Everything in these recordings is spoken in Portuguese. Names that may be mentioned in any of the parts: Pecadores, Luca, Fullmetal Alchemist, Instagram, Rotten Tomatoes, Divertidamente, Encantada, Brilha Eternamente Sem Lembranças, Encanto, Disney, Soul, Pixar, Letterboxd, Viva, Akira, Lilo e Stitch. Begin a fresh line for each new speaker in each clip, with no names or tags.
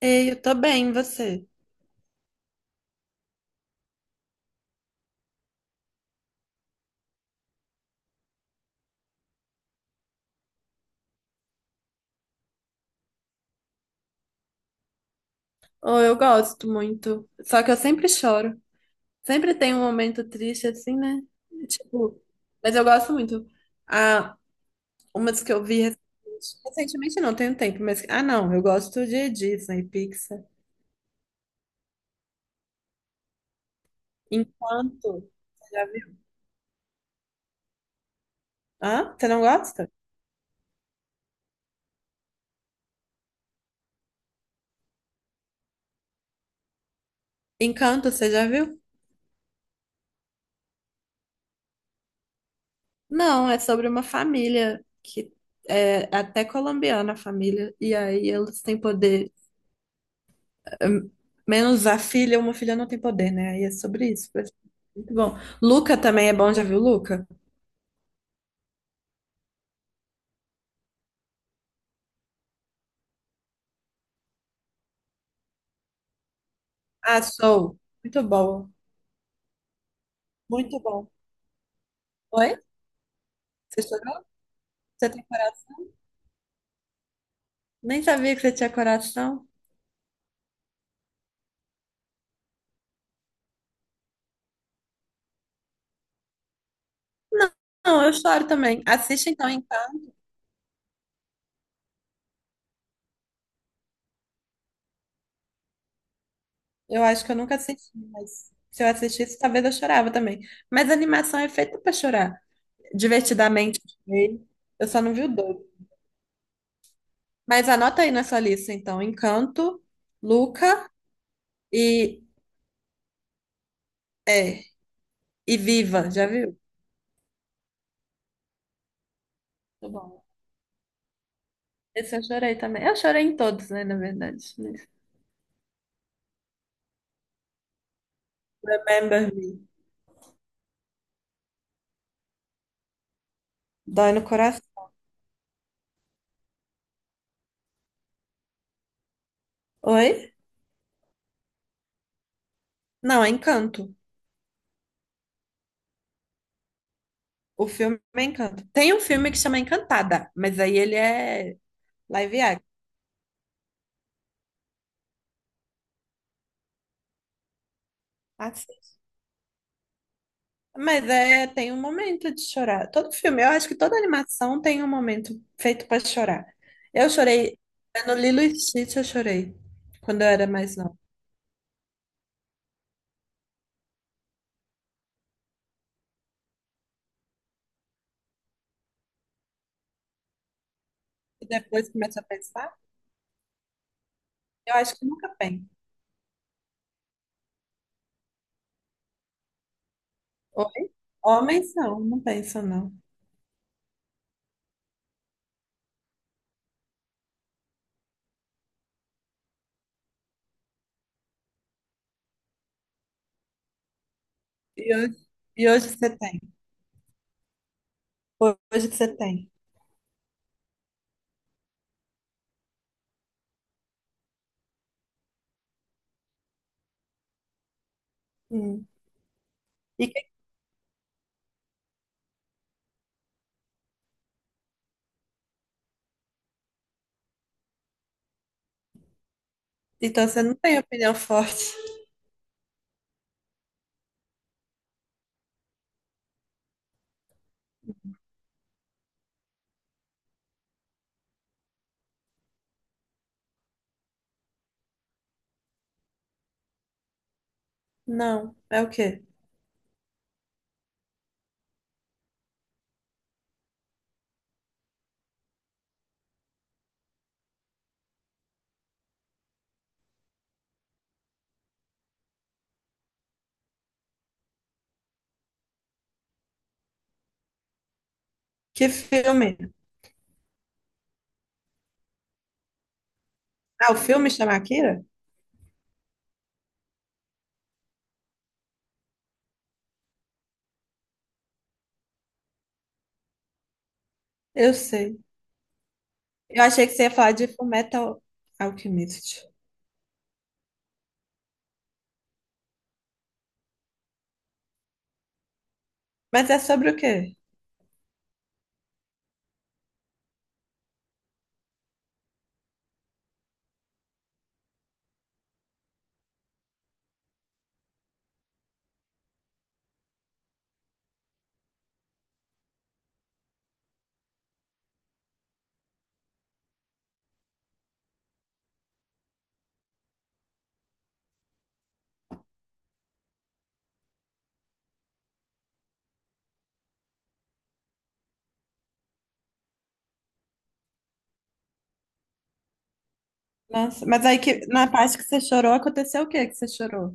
Ei, eu tô bem, e você? Oh, eu gosto muito. Só que eu sempre choro. Sempre tem um momento triste assim, né? Tipo, mas eu gosto muito. Ah, umas que eu vi recentemente, recentemente não, tem um tempo, mas ah, não, eu gosto de Disney, Pixar. Encanto, você já viu? Hã? Você não gosta? Encanto, você já viu? Não, é sobre uma família que é até colombiana a família, e aí eles têm poder hum, menos a filha, uma filha não tem poder, né? Aí é sobre isso. Muito bom. Luca também é bom, já viu Luca? Ah, Soul. Muito bom. Muito bom. Oi? Você chorou? Você tem coração? Nem sabia que você tinha coração. Não, não, eu choro também. Assiste então. Eu acho que eu nunca assisti, mas se eu assistisse, talvez eu chorava também. Mas a animação é feita pra chorar. Divertidamente, eu chorei. Eu só não vi o dois. Mas anota aí na sua lista, então. Encanto, Luca e... É, e Viva, já viu? Muito bom. Esse eu chorei também. Eu chorei em todos, né, na verdade, mas- Remember Me. Dói no coração. Oi? Não, é Encanto. O filme é Encanto. Tem um filme que chama Encantada, mas aí ele é live action. Assim. Mas é, tem um momento de chorar. Todo filme, eu acho que toda animação tem um momento feito para chorar. Eu chorei, é no Lilo e Stitch eu chorei, quando eu era mais nova. E depois começo a pensar, eu acho que nunca penso. Homens não, não pensam não. E hoje, e hoje você tem. Hoje que você tem. Hum. E que- então você não tem opinião forte. Não. É o quê? Que filme? Ah, o filme chama Akira? Eu sei. Eu achei que você ia falar de Fullmetal Alchemist. Mas é sobre o quê? Nossa, mas aí que na parte que você chorou, aconteceu o quê que você chorou?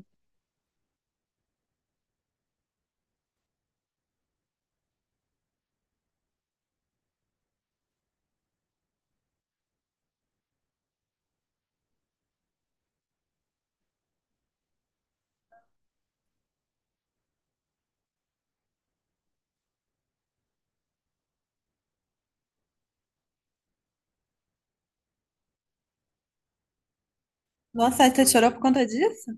Nossa, aí você chorou por conta disso?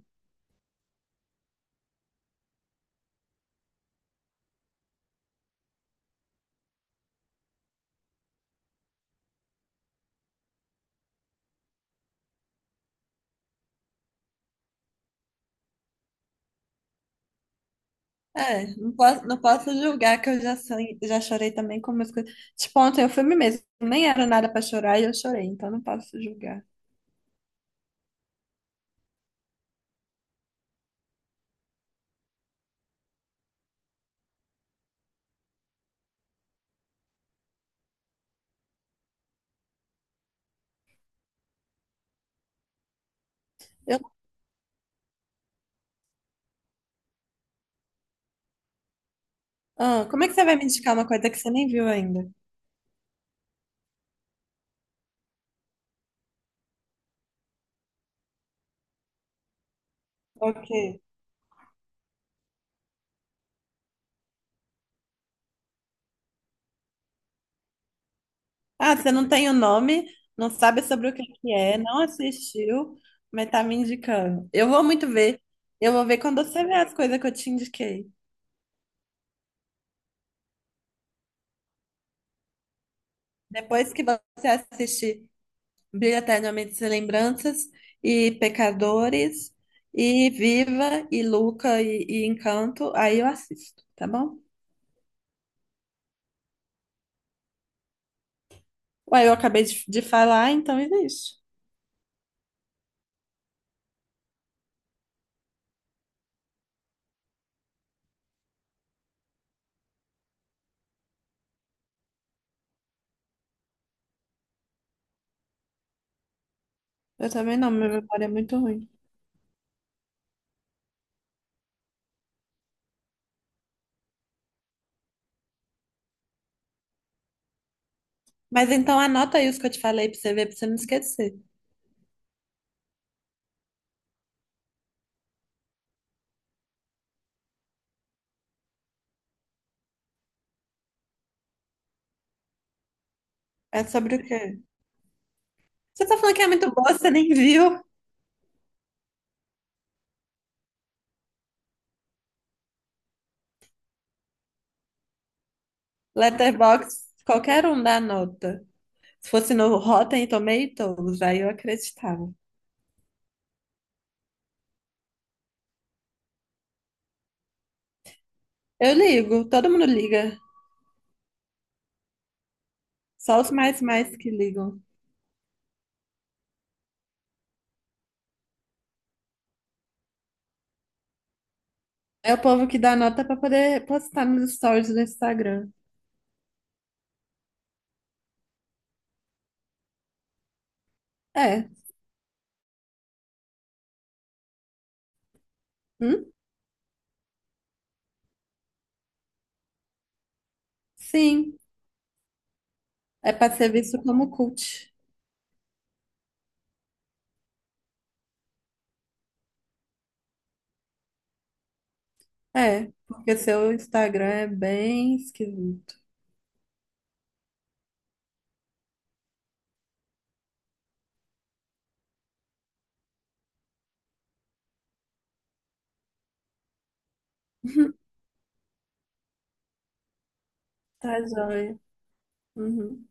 É, não posso, não posso julgar que eu já, san- já chorei também com umas coisas. Tipo, ontem o filme mesmo nem era nada pra chorar e eu chorei, então não posso julgar. Eu ah, como é que você vai me indicar uma coisa que você nem viu ainda? Ok. Ah, você não tem o nome, não sabe sobre o que que é, não assistiu, mas tá me indicando. Eu vou muito ver. Eu vou ver quando você ver as coisas que eu te indiquei. Depois que você assistir Brilha Eternamente Sem Lembranças e Pecadores e Viva e Luca e Encanto, aí eu assisto, tá bom? Ué, eu acabei de falar, então existe. Eu também não, minha memória é muito ruim. Mas então anota aí os que eu te falei pra você ver, pra você não esquecer. É sobre o quê? Você tá falando que é muito boa, você nem viu. Letterboxd, qualquer um dá nota. Se fosse no Rotten Tomatoes, aí eu acreditava. Eu ligo, todo mundo liga. Só os mais mais que ligam. É o povo que dá nota pra poder postar nos stories do Instagram. É. Hum? Sim. É pra ser visto como cult. É, porque seu Instagram é bem esquisito. Tá joia. Uhum.